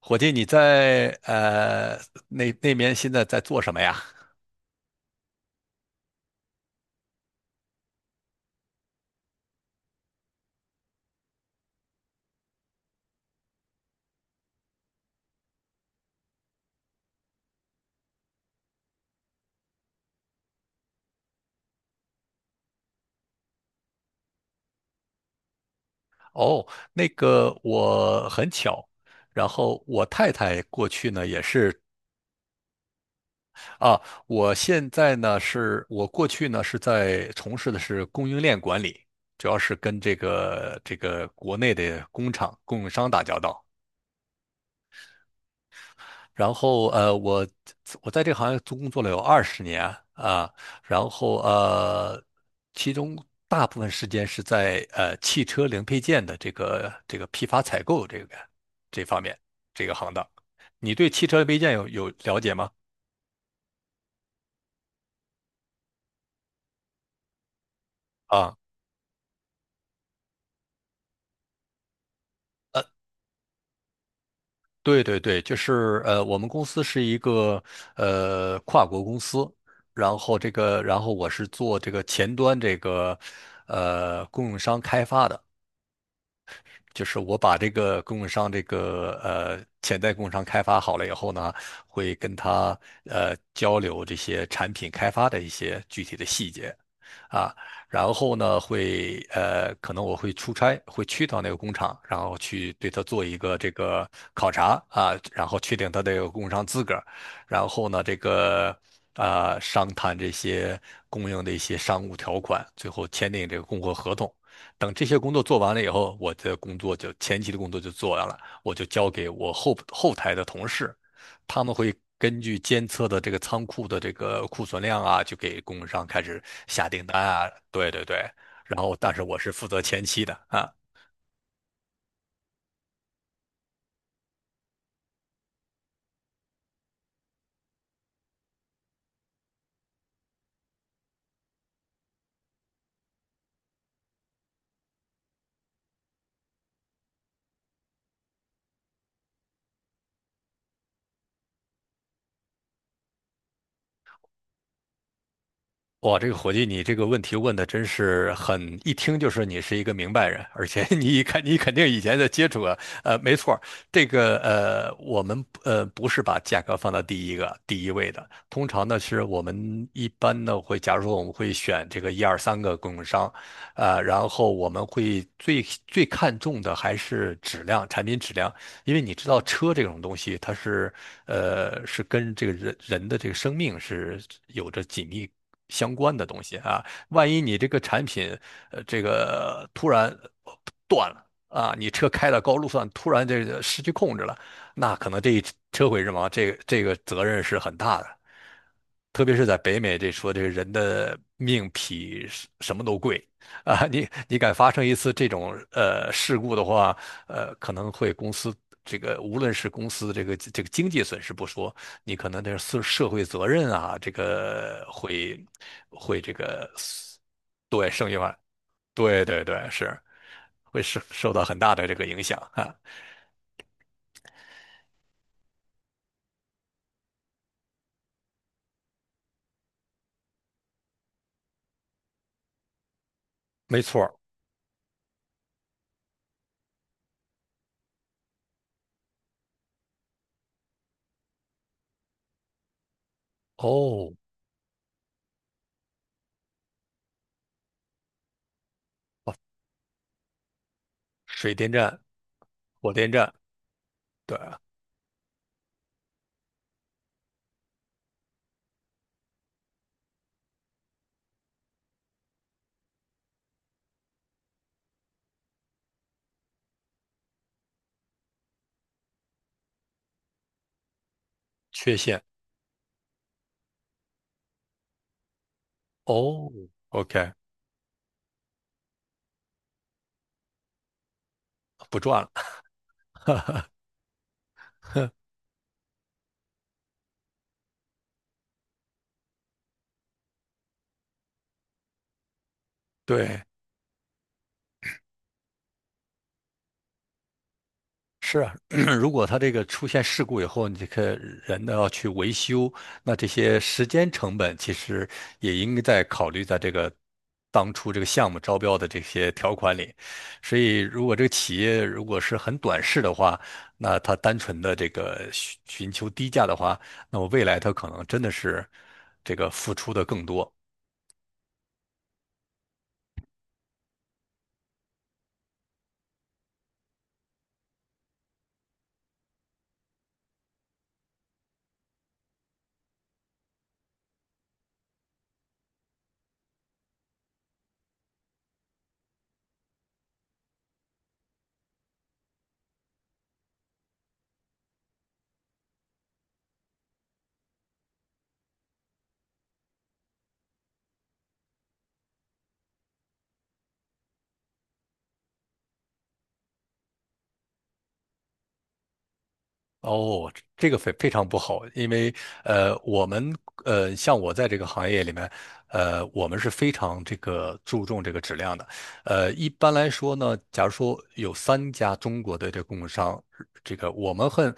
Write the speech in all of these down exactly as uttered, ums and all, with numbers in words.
伙计，你在呃那那边现在在做什么呀？哦，那个我很巧，然后我太太过去呢也是啊，我现在呢是我过去呢是在从事的是供应链管理，主要是跟这个这个国内的工厂供应商打交道。然后呃，我我在这个行业工作了有二十年啊，然后呃，其中大部分时间是在呃汽车零配件的这个这个批发采购这个这方面这个行当。你对汽车零配件有有了解吗？啊？呃，对对对，就是呃，我们公司是一个呃跨国公司，然后这个，然后我是做这个前端这个呃供应商开发的。就是我把这个供应商这个呃潜在供应商开发好了以后呢，会跟他呃交流这些产品开发的一些具体的细节啊，然后呢会呃可能我会出差，会去到那个工厂，然后去对他做一个这个考察啊，然后确定他的供应商资格，然后呢这个。啊、商谈这些供应的一些商务条款，最后签订这个供货合同。等这些工作做完了以后，我的工作就前期的工作就做完了，我就交给我后后台的同事，他们会根据监测的这个仓库的这个库存量啊，就给供应商开始下订单啊。对对对，然后但是我是负责前期的啊。哇，这个伙计，你这个问题问的真是很，一听就是你是一个明白人，而且 你看，你肯定以前在接触过。呃，没错儿。这个呃，我们呃不是把价格放到第一个第一位的，通常呢是我们一般呢会，假如说我们会选这个一二三个供应商，呃，然后我们会最最看重的还是质量，产品质量，因为你知道车这种东西，它是呃是跟这个人人的这个生命是有着紧密相关的东西啊。万一你这个产品呃这个突然呃断了啊，你车开到高速上突然这个失去控制了，那可能这一车毁人亡，这个这个责任是很大的。特别是在北美，这说这个人的命比什什么都贵啊，你你敢发生一次这种呃事故的话，呃，可能会公司这个无论是公司这个这个经济损失不说，你可能这个社社会责任啊，这个会会这个对生意化，对对对，是会受受到很大的这个影响啊，没错儿。哦，水电站、火电站，对，缺陷，哦，OK，不赚了，对。是啊，如果他这个出现事故以后，你这个人呢要去维修，那这些时间成本其实也应该在考虑在这个当初这个项目招标的这些条款里。所以，如果这个企业如果是很短视的话，那他单纯的这个寻寻求低价的话，那么未来他可能真的是这个付出的更多。哦，这这个非非常不好，因为呃，我们呃，像我在这个行业里面，呃，我们是非常这个注重这个质量的。呃，一般来说呢，假如说有三家中国的这个供应商，这个我们很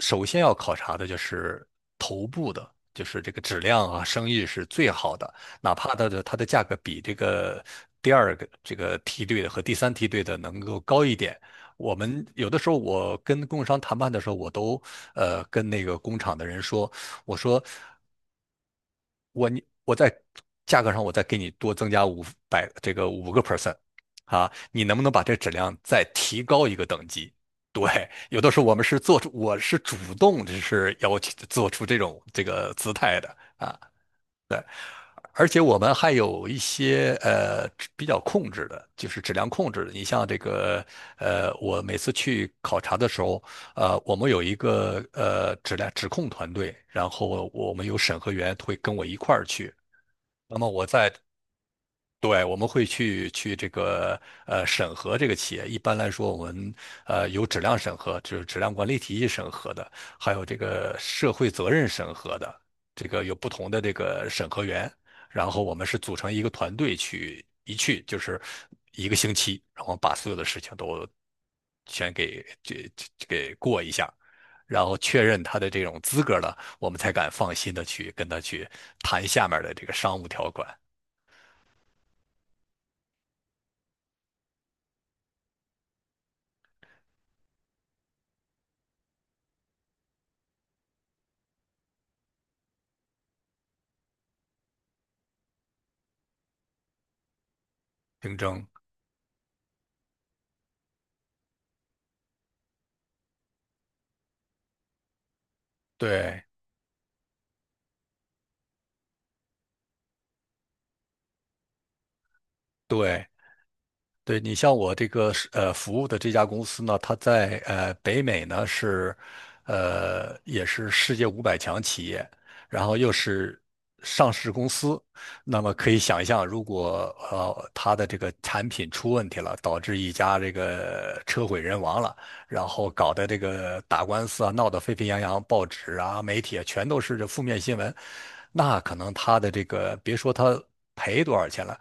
首先要考察的就是头部的，就是这个质量啊，生意是最好的，哪怕它的它的价格比这个第二个这个梯队的和第三梯队的能够高一点。我们有的时候，我跟供应商谈判的时候，我都呃跟那个工厂的人说，我说我你我在价格上我再给你多增加五百这个五个 percent 啊，你能不能把这质量再提高一个等级？对，有的时候我们是做出我是主动就是要求做出这种这个姿态的啊。而且我们还有一些呃比较控制的，就是质量控制的。你像这个呃，我每次去考察的时候，呃，我们有一个呃质量质控团队，然后我们有审核员会跟我一块儿去。那么我在对，我们会去去这个呃审核这个企业。一般来说，我们呃有质量审核，就是质量管理体系审核的，还有这个社会责任审核的，这个有不同的这个审核员。然后我们是组成一个团队去一去就是一个星期，然后把所有的事情都全给这这给过一下，然后确认他的这种资格了，我们才敢放心的去跟他去谈下面的这个商务条款竞争。对对对，你像我这个是呃服务的这家公司呢，它在呃北美呢是，呃也是世界五百强企业，然后又是上市公司，那么可以想象，如果呃它的这个产品出问题了，导致一家这个车毁人亡了，然后搞得这个打官司啊，闹得沸沸扬扬，报纸啊、媒体啊全都是这负面新闻，那可能他的这个，别说他赔多少钱了，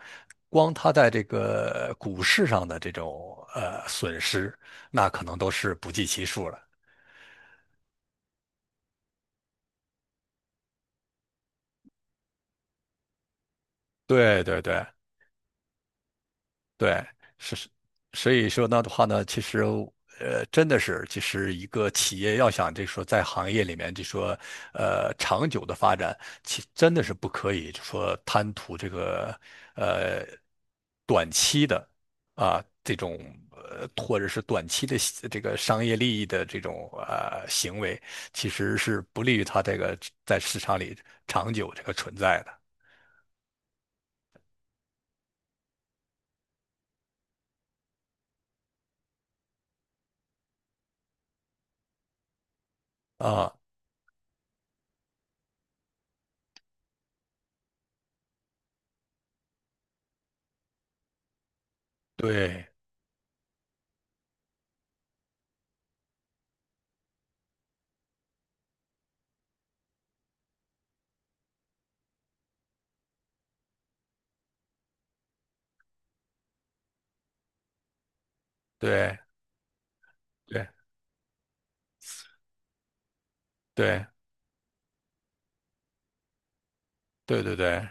光他在这个股市上的这种呃损失，那可能都是不计其数了。对对对，对，是，是所以说那的话呢，其实呃，真的是，其实一个企业要想就说在行业里面就说呃长久的发展，其真的是不可以就说贪图这个呃短期的啊这种呃或者是短期的这个商业利益的这种呃行为，其实是不利于它这个在市场里长久这个存在的啊，对，对对对对对对。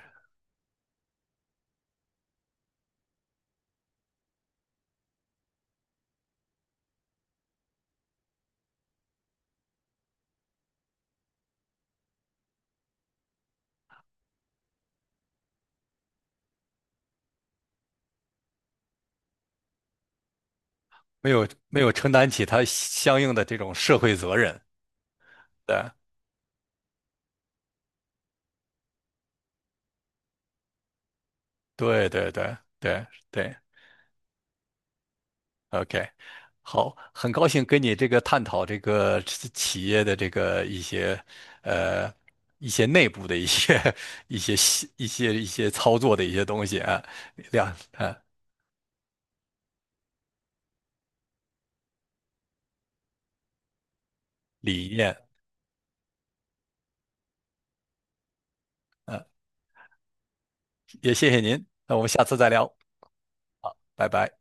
没有没有承担起他相应的这种社会责任。对对对对对对，OK，好，很高兴跟你这个探讨这个企业的这个一些呃一些内部的一些 一些细一些一些操作的一些东西啊，两啊理念啊，也谢谢您，那我们下次再聊，拜拜。